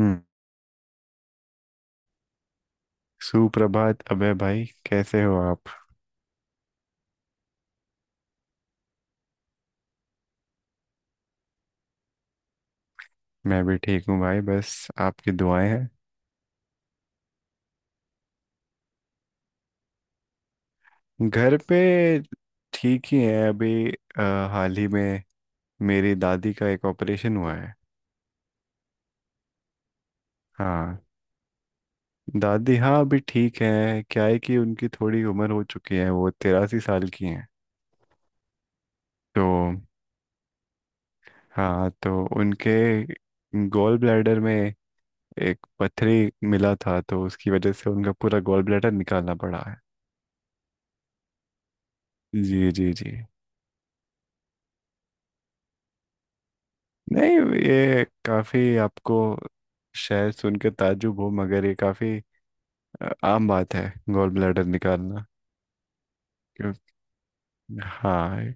हम्म। सुप्रभात, अबे भाई, कैसे हो आप? मैं भी ठीक हूँ भाई, बस आपकी दुआएं हैं। घर पे ठीक ही है। अभी हाल ही में मेरी दादी का एक ऑपरेशन हुआ है। हाँ। दादी, हाँ, अभी ठीक है। क्या है कि उनकी थोड़ी उम्र हो चुकी है, वो 83 साल की हैं। तो हाँ, तो उनके गॉल ब्लैडर में एक पथरी मिला था, तो उसकी वजह से उनका पूरा गॉल ब्लैडर निकालना पड़ा है। जी जी जी। नहीं, ये काफी आपको शायद सुन के ताज्जुब हो, मगर ये काफी आम बात है, गॉल ब्लैडर निकालना। क्यों? हाँ, ये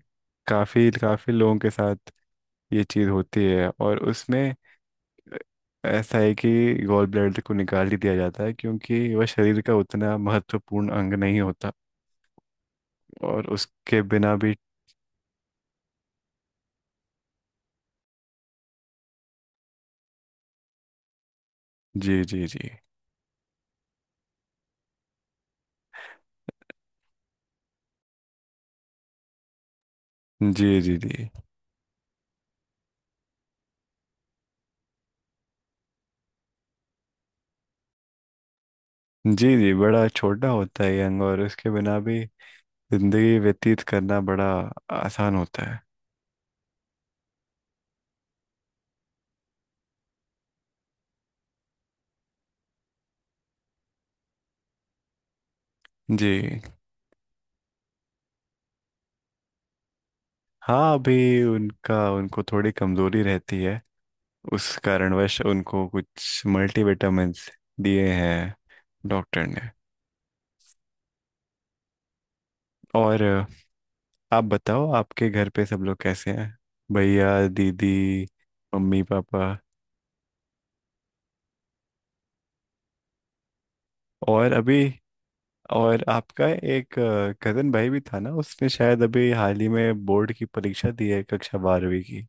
काफी काफी लोगों के साथ ये चीज होती है, और उसमें ऐसा है कि गॉल ब्लैडर को निकाल ही दिया जाता है, क्योंकि वह शरीर का उतना महत्वपूर्ण अंग नहीं होता, और उसके बिना भी जी जी जी जी जी जी जी जी बड़ा छोटा होता है ये अंग, और उसके बिना भी जिंदगी व्यतीत करना बड़ा आसान होता है। जी। हाँ, अभी उनका उनको थोड़ी कमजोरी रहती है। उस कारणवश उनको कुछ मल्टीविटामिन्स दिए हैं डॉक्टर ने। और आप बताओ आपके घर पे सब लोग कैसे हैं, भैया दीदी मम्मी पापा? और अभी और आपका एक कजन भाई भी था ना, उसने शायद अभी हाल ही में बोर्ड की परीक्षा दी है, कक्षा 12वीं की।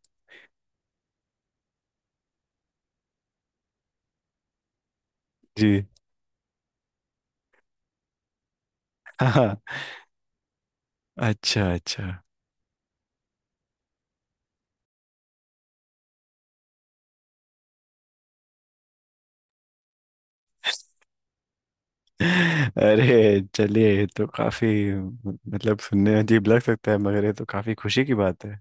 जी हाँ हाँ। अच्छा अच्छा। अरे चलिए, ये तो काफी, मतलब सुनने में अजीब लग सकता है, मगर ये तो काफी खुशी की बात है।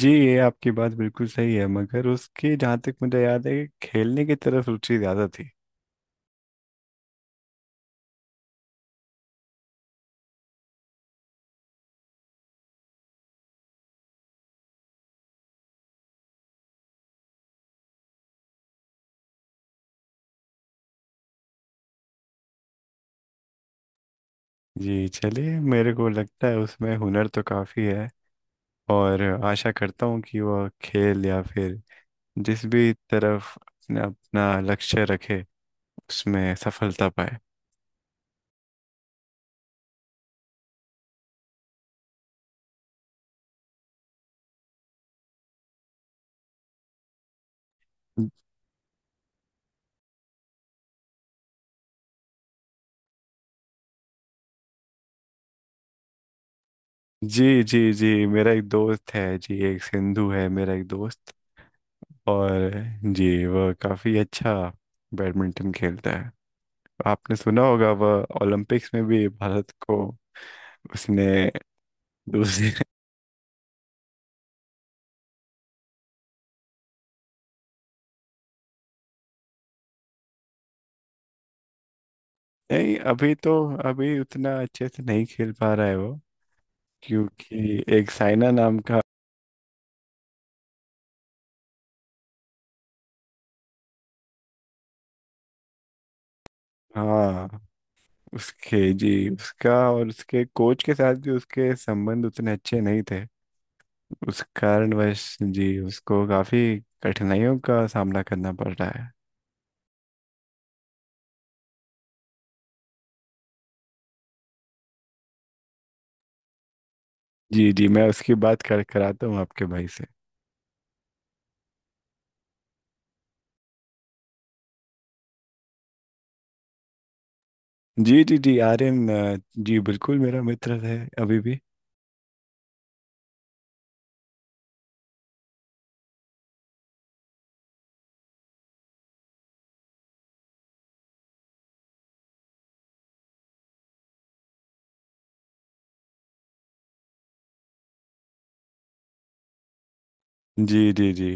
जी, ये आपकी बात बिल्कुल सही है, मगर उसकी, जहाँ तक मुझे याद है, कि खेलने की तरफ रुचि ज्यादा थी। जी चलिए, मेरे को लगता है उसमें हुनर तो काफी है, और आशा करता हूँ कि वह खेल या फिर जिस भी तरफ अपना अपना लक्ष्य रखे, उसमें सफलता पाए। जी जी जी, मेरा एक दोस्त है जी, एक सिंधु है मेरा एक दोस्त। और जी, वह काफ़ी अच्छा बैडमिंटन खेलता है। आपने सुना होगा, वह ओलंपिक्स में भी भारत को उसने दूसरे। नहीं, अभी तो अभी उतना अच्छे से नहीं खेल पा रहा है वो। क्योंकि एक साइना नाम का। हाँ, उसके जी, उसका और उसके कोच के साथ भी उसके संबंध उतने अच्छे नहीं थे। उस कारणवश जी, उसको काफ़ी कठिनाइयों का सामना करना पड़ रहा है। जी जी, मैं उसकी बात कर कराता हूँ आपके भाई से। जी जी जी, आर्यन जी बिल्कुल मेरा मित्र है अभी भी। जी जी जी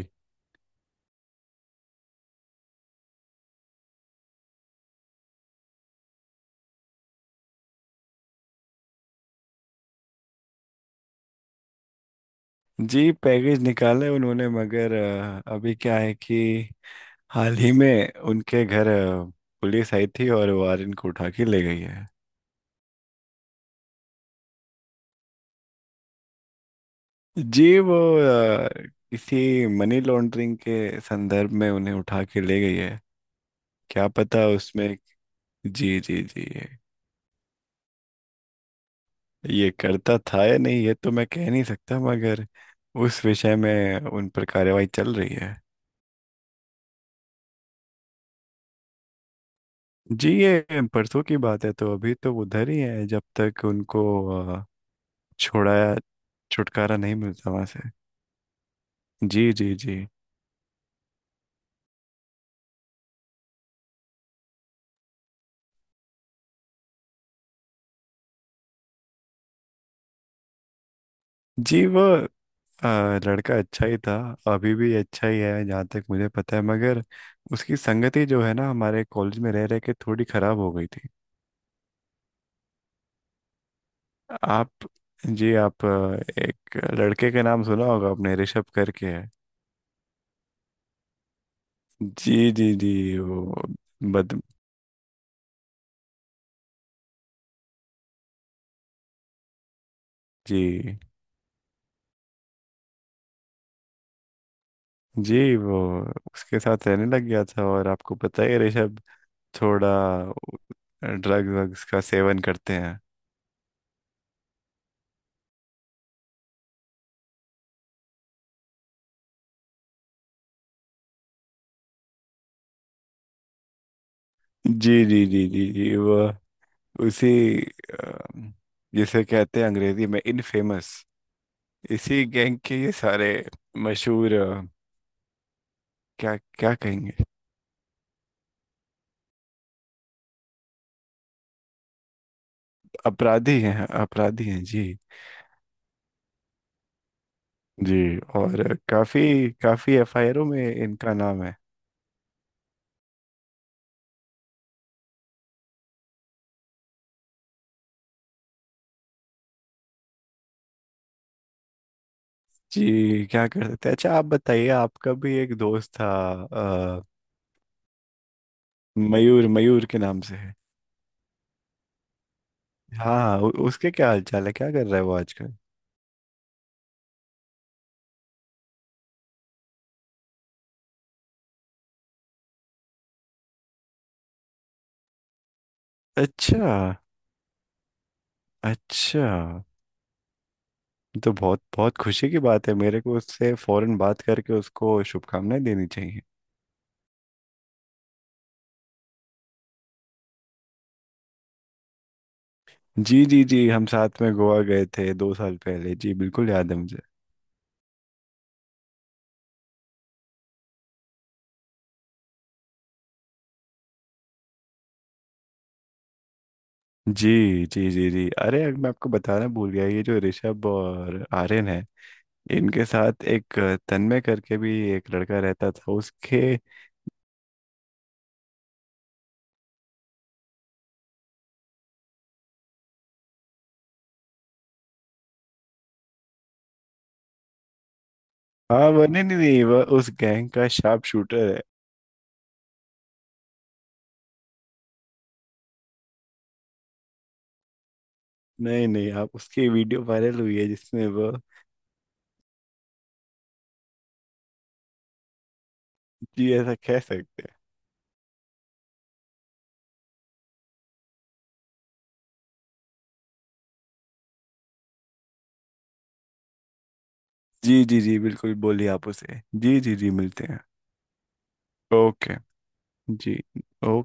जी, पैकेज निकाले उन्होंने, मगर अभी क्या है कि हाल ही में उनके घर पुलिस आई थी, और वो आर्यन को उठा के ले गई है। जी वो किसी मनी लॉन्ड्रिंग के संदर्भ में उन्हें उठा के ले गई है, क्या पता उसमें। जी जी जी, ये करता था या नहीं ये तो मैं कह नहीं सकता, मगर उस विषय में उन पर कार्रवाई चल रही है। जी, ये परसों की बात है, तो अभी तो उधर ही है, जब तक उनको अ, छोड़ाया छुटकारा नहीं मिलता वहां से। जी जी जी जी, वो लड़का अच्छा ही था, अभी भी अच्छा ही है जहाँ तक मुझे पता है, मगर उसकी संगति जो है ना, हमारे कॉलेज में रह रह के थोड़ी खराब हो गई थी। आप जी, आप एक लड़के का नाम सुना होगा आपने, ऋषभ करके है। जी जी जी, वो बद जी जी, वो उसके साथ रहने लग गया था, और आपको पता ही है, ऋषभ थोड़ा ड्रग वग्स का सेवन करते हैं। जी जी जी जी जी, वो उसी अ, जिसे कहते हैं अंग्रेजी में इनफेमस, इसी गैंग के ये सारे मशहूर क्या क्या कहेंगे, अपराधी हैं, अपराधी हैं जी। जी, और काफी काफी एफआईआरों में इनका नाम है। जी क्या कर सकते हैं। अच्छा आप बताइए, आपका भी एक दोस्त था, मयूर, मयूर के नाम से है। हाँ, उसके क्या हाल चाल है, क्या कर रहा है वो आजकल? अच्छा अच्छा, ये तो बहुत बहुत खुशी की बात है, मेरे को उससे फौरन बात करके उसको शुभकामनाएं देनी चाहिए। जी जी जी, हम साथ में गोवा गए थे 2 साल पहले, जी बिल्कुल याद है मुझे। जी जी जी जी, अरे अब मैं आपको बताना भूल गया, ये जो ऋषभ और आर्यन है, इनके साथ एक तन्मय करके भी एक लड़का रहता था, उसके। हाँ, वो नहीं नहीं नहीं, वो उस गैंग का शार्प शूटर। नहीं नहीं, आप उसकी वीडियो वायरल हुई है जिसमें वो। जी, ऐसा कह सकते हैं। जी जी जी बिल्कुल, बोलिए आप उसे, जी जी जी मिलते हैं। ओके, जी, ओके।